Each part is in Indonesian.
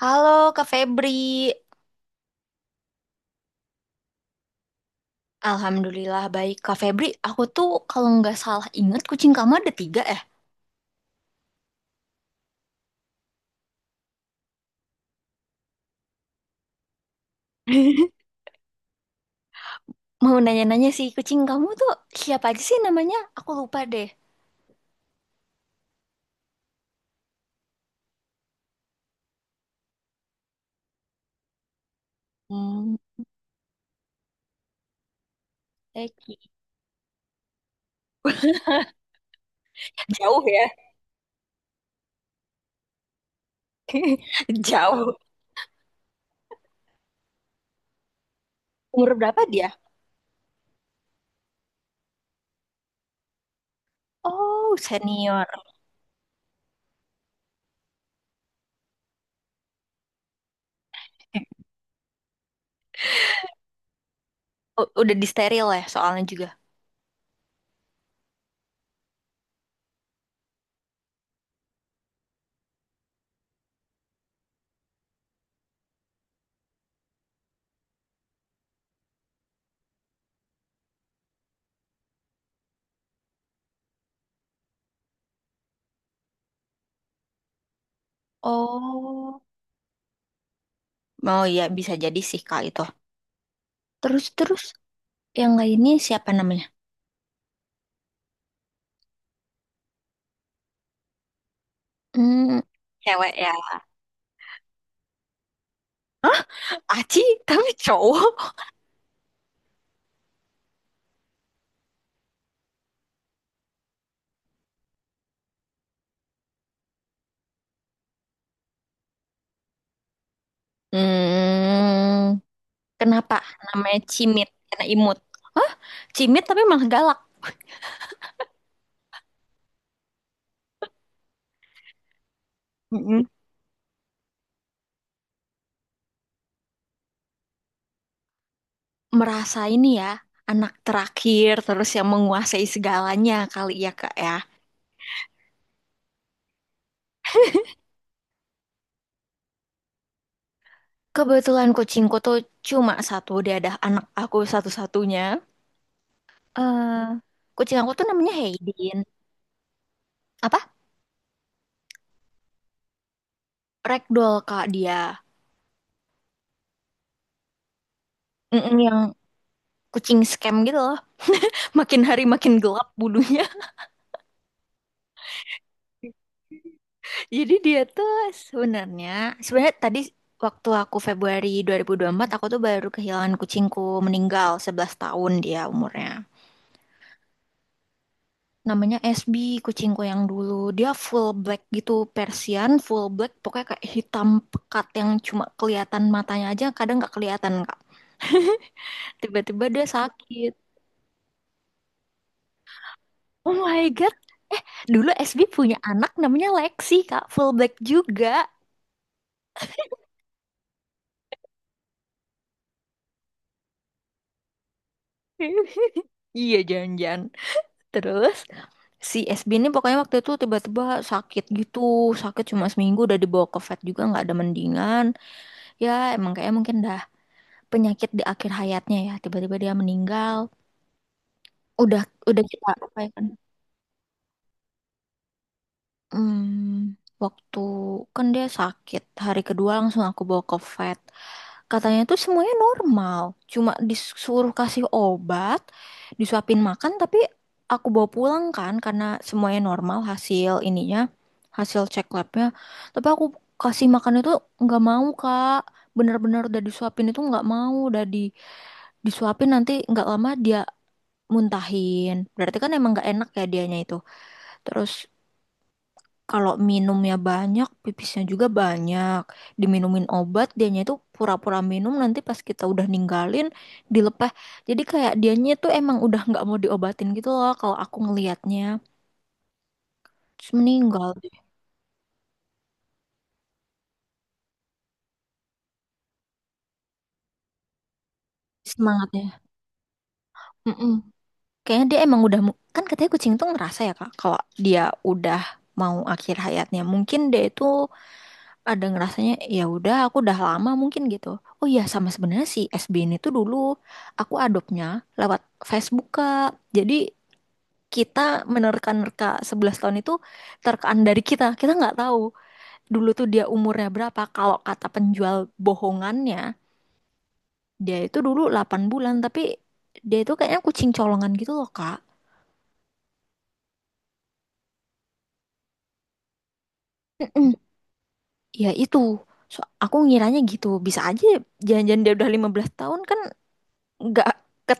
Halo, Kak Febri. Alhamdulillah baik, Kak Febri. Aku tuh kalau nggak salah ingat kucing kamu ada tiga, eh. Mau nanya-nanya sih, kucing kamu tuh siapa aja sih namanya? Aku lupa deh. Hmm, Eki. Jauh ya. Jauh. Umur berapa dia? Oh, senior. Udah disteril ya soalnya juga. Oh. Oh, iya bisa jadi sih, Kak, itu. Terus-terus, yang lainnya siapa namanya? Hmm, cewek ya. Aci tapi cowok. Hmm, kenapa namanya cimit? Karena imut. Hah? Cimit tapi malah galak. Mm-mm. Merasa ini ya, anak terakhir terus yang menguasai segalanya kali ya, Kak ya. Kebetulan kucingku tuh cuma satu, dia ada anak aku satu-satunya. eh kucing aku tuh namanya Haydin. Apa? Ragdoll, Kak, dia. Mm-mm, yang kucing scam gitu loh. Makin hari makin gelap bulunya. Jadi dia tuh sebenarnya sebenarnya tadi waktu aku Februari 2024, aku tuh baru kehilangan kucingku, meninggal 11 tahun dia umurnya. Namanya SB, kucingku yang dulu. Dia full black gitu, Persian full black, pokoknya kayak hitam pekat yang cuma kelihatan matanya aja, kadang nggak kelihatan, Kak. Tiba-tiba dia sakit. Oh my God. Eh, dulu SB punya anak namanya Lexi, Kak, full black juga. Iya, jangan-jangan. Terus si SB ini pokoknya waktu itu tiba-tiba sakit gitu, sakit cuma seminggu udah dibawa ke vet juga nggak ada mendingan. Ya emang kayak mungkin dah penyakit di akhir hayatnya ya, tiba-tiba dia meninggal. Udah udah kita upayakan. Hmm, waktu kan dia sakit hari kedua langsung aku bawa ke vet. Katanya tuh semuanya normal, cuma disuruh kasih obat, disuapin makan, tapi aku bawa pulang kan karena semuanya normal hasil ininya, hasil cek labnya. Tapi aku kasih makan itu nggak mau, Kak, bener-bener udah disuapin itu nggak mau, udah disuapin nanti nggak lama dia muntahin. Berarti kan emang nggak enak ya dianya itu. Terus kalau minumnya banyak, pipisnya juga banyak. Diminumin obat, dianya itu pura-pura minum, nanti pas kita udah ninggalin, dilepas. Jadi kayak dianya tuh emang udah nggak mau diobatin gitu loh kalau aku ngelihatnya. Terus meninggal deh. Semangatnya. Mm-mm. Kayaknya dia emang udah, kan katanya kucing tuh ngerasa ya Kak, kalau dia udah mau akhir hayatnya. Mungkin dia itu ada ngerasanya, ya udah aku udah lama mungkin gitu. Oh, iya, sama sebenarnya si SB ini tuh dulu aku adopnya lewat Facebook, Kak. Jadi kita menerka-nerka 11 tahun itu terkaan dari kita. Kita nggak tahu dulu tuh dia umurnya berapa. Kalau kata penjual bohongannya, dia itu dulu 8 bulan, tapi dia itu kayaknya kucing colongan gitu loh, Kak. Mm-mm. Ya itu. So, aku ngiranya gitu. Bisa aja jangan-jangan dia udah 15 tahun kan, nggak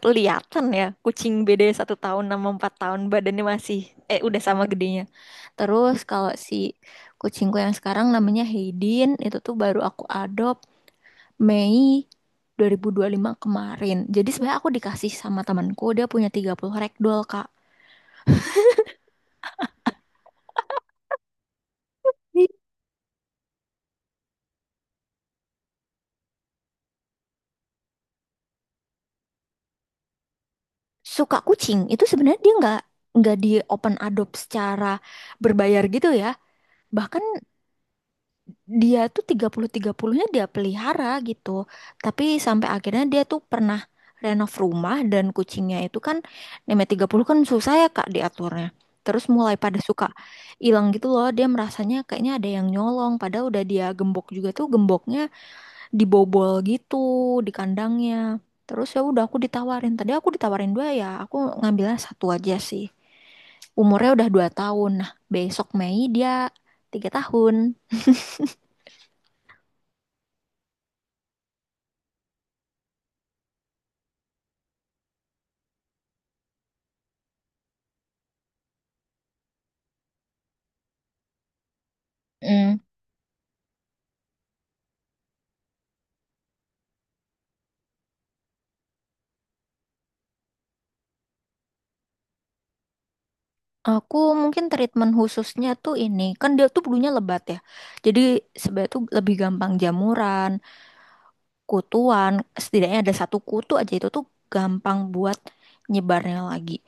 kelihatan ya, kucing beda 1 tahun sama 4 tahun badannya masih udah sama gedenya. Terus kalau si kucingku yang sekarang namanya Haydin, itu tuh baru aku adopt Mei 2025 kemarin, jadi sebenarnya aku dikasih sama temanku, dia punya 30 ragdoll, Kak. Jadi, suka kucing itu sebenarnya dia nggak di open adopt secara berbayar gitu ya, bahkan dia tuh 30-30-nya dia pelihara gitu. Tapi sampai akhirnya dia tuh pernah renov rumah, dan kucingnya itu kan nenek 30 kan susah ya Kak diaturnya. Terus mulai pada suka hilang gitu loh, dia merasanya kayaknya ada yang nyolong, padahal udah dia gembok juga, tuh gemboknya dibobol gitu di kandangnya. Terus ya udah aku ditawarin. Tadi aku ditawarin dua ya, aku ngambilnya satu aja sih. Umurnya udah 2 tahun. Nah, besok Mei dia 3 tahun. Aku mungkin treatment khususnya tuh ini, kan dia tuh bulunya lebat ya. Jadi sebenarnya tuh lebih gampang jamuran, kutuan, setidaknya ada satu kutu aja itu tuh gampang buat nyebarnya lagi.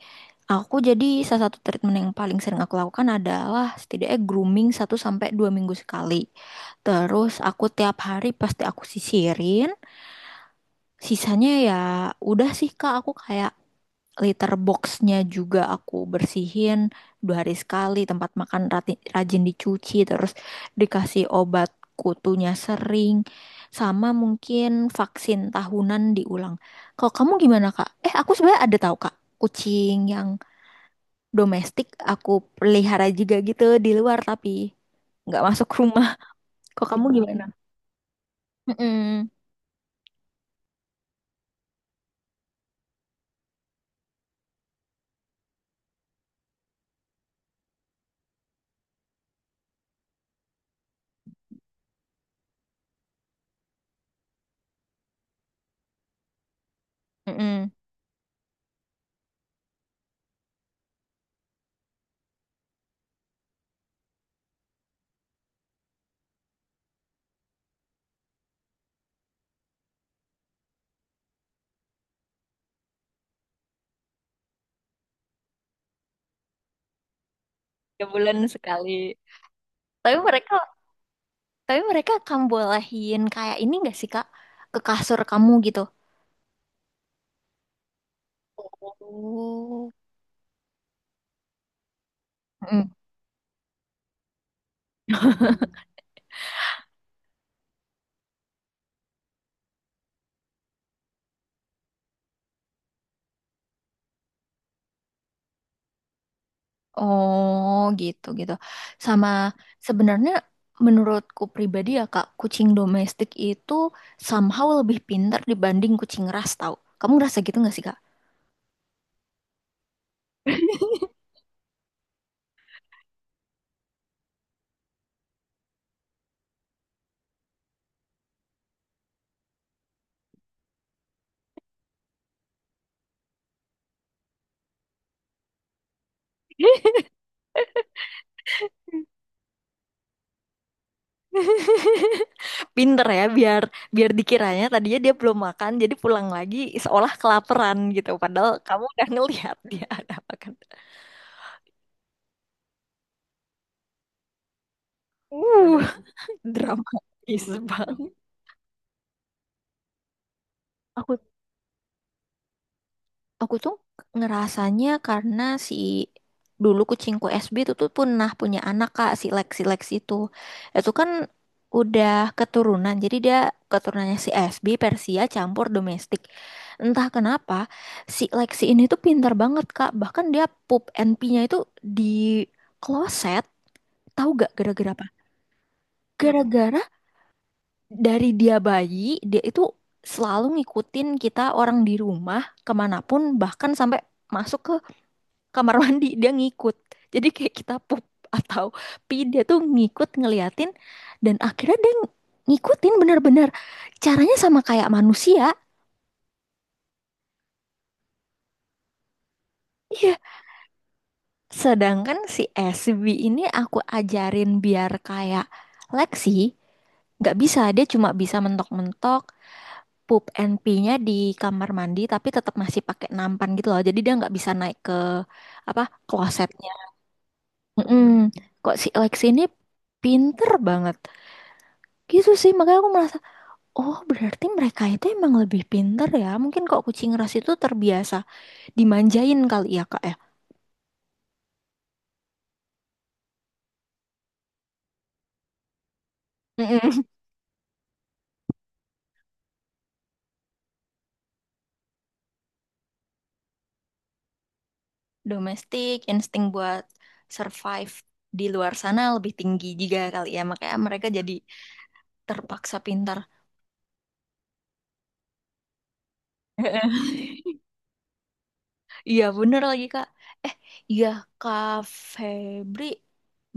Aku jadi salah satu treatment yang paling sering aku lakukan adalah setidaknya grooming 1 sampai 2 minggu sekali. Terus aku tiap hari pasti aku sisirin. Sisanya ya udah sih, Kak, aku kayak litter boxnya juga aku bersihin 2 hari sekali. Tempat makan rajin dicuci, terus dikasih obat kutunya sering. Sama mungkin vaksin tahunan diulang. Kalau kamu gimana, Kak? Eh, aku sebenarnya ada tahu, Kak. Kucing yang domestik aku pelihara juga gitu di luar tapi nggak masuk rumah. Kok kamu gimana? Mm-mm. Mm-mm. 3 bulan sekali. Tapi mereka Tapi mereka kamu bolehin kayak ini gak sih, Kak? Ke kasur kamu gitu. Oh. Mm. Oh, gitu gitu. Sama sebenarnya menurutku pribadi ya Kak, kucing domestik itu somehow lebih pintar dibanding kucing ras, tau. Kamu ngerasa gitu gak sih, Kak? Pinter ya, biar biar dikiranya tadinya dia belum makan jadi pulang lagi seolah kelaparan gitu. Padahal kamu udah ngelihat dia ada makan. Uh, dramatis banget. Aku aku tuh ngerasanya karena si dulu kucingku SB itu tuh pernah punya anak, Kak, si Lex itu. Itu kan udah keturunan. Jadi dia keturunannya si SB, Persia campur domestik. Entah kenapa si Lexi ini tuh pintar banget, Kak. Bahkan dia pup and pee-nya itu di kloset. Tahu gak gara-gara apa? Gara-gara dari dia bayi, dia itu selalu ngikutin kita orang di rumah kemanapun, bahkan sampai masuk ke kamar mandi dia ngikut, jadi kayak kita pup atau pi dia tuh ngikut ngeliatin, dan akhirnya dia ngikutin, bener-bener caranya sama kayak manusia. Iya, sedangkan si SB ini aku ajarin biar kayak Lexi nggak bisa, dia cuma bisa mentok-mentok pup and pee-nya di kamar mandi tapi tetap masih pakai nampan gitu loh, jadi dia nggak bisa naik ke apa, klosetnya. Mm-mm. Kok si Lexi ini pinter banget gitu sih, makanya aku merasa, oh, berarti mereka itu emang lebih pinter ya. Mungkin kok kucing ras itu terbiasa dimanjain kali ya, Kak ya. Mm-mm. Domestik, insting buat survive di luar sana lebih tinggi juga kali ya. Makanya mereka jadi terpaksa pintar. Iya, bener lagi, Kak. Eh, iya, Kak Febri.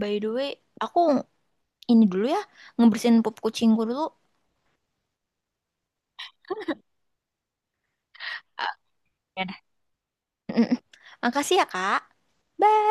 By the way, aku ini dulu ya, ngebersihin pup kucingku dulu. Ah, ya dah. Mm-mm. Makasih ya, Kak. Bye.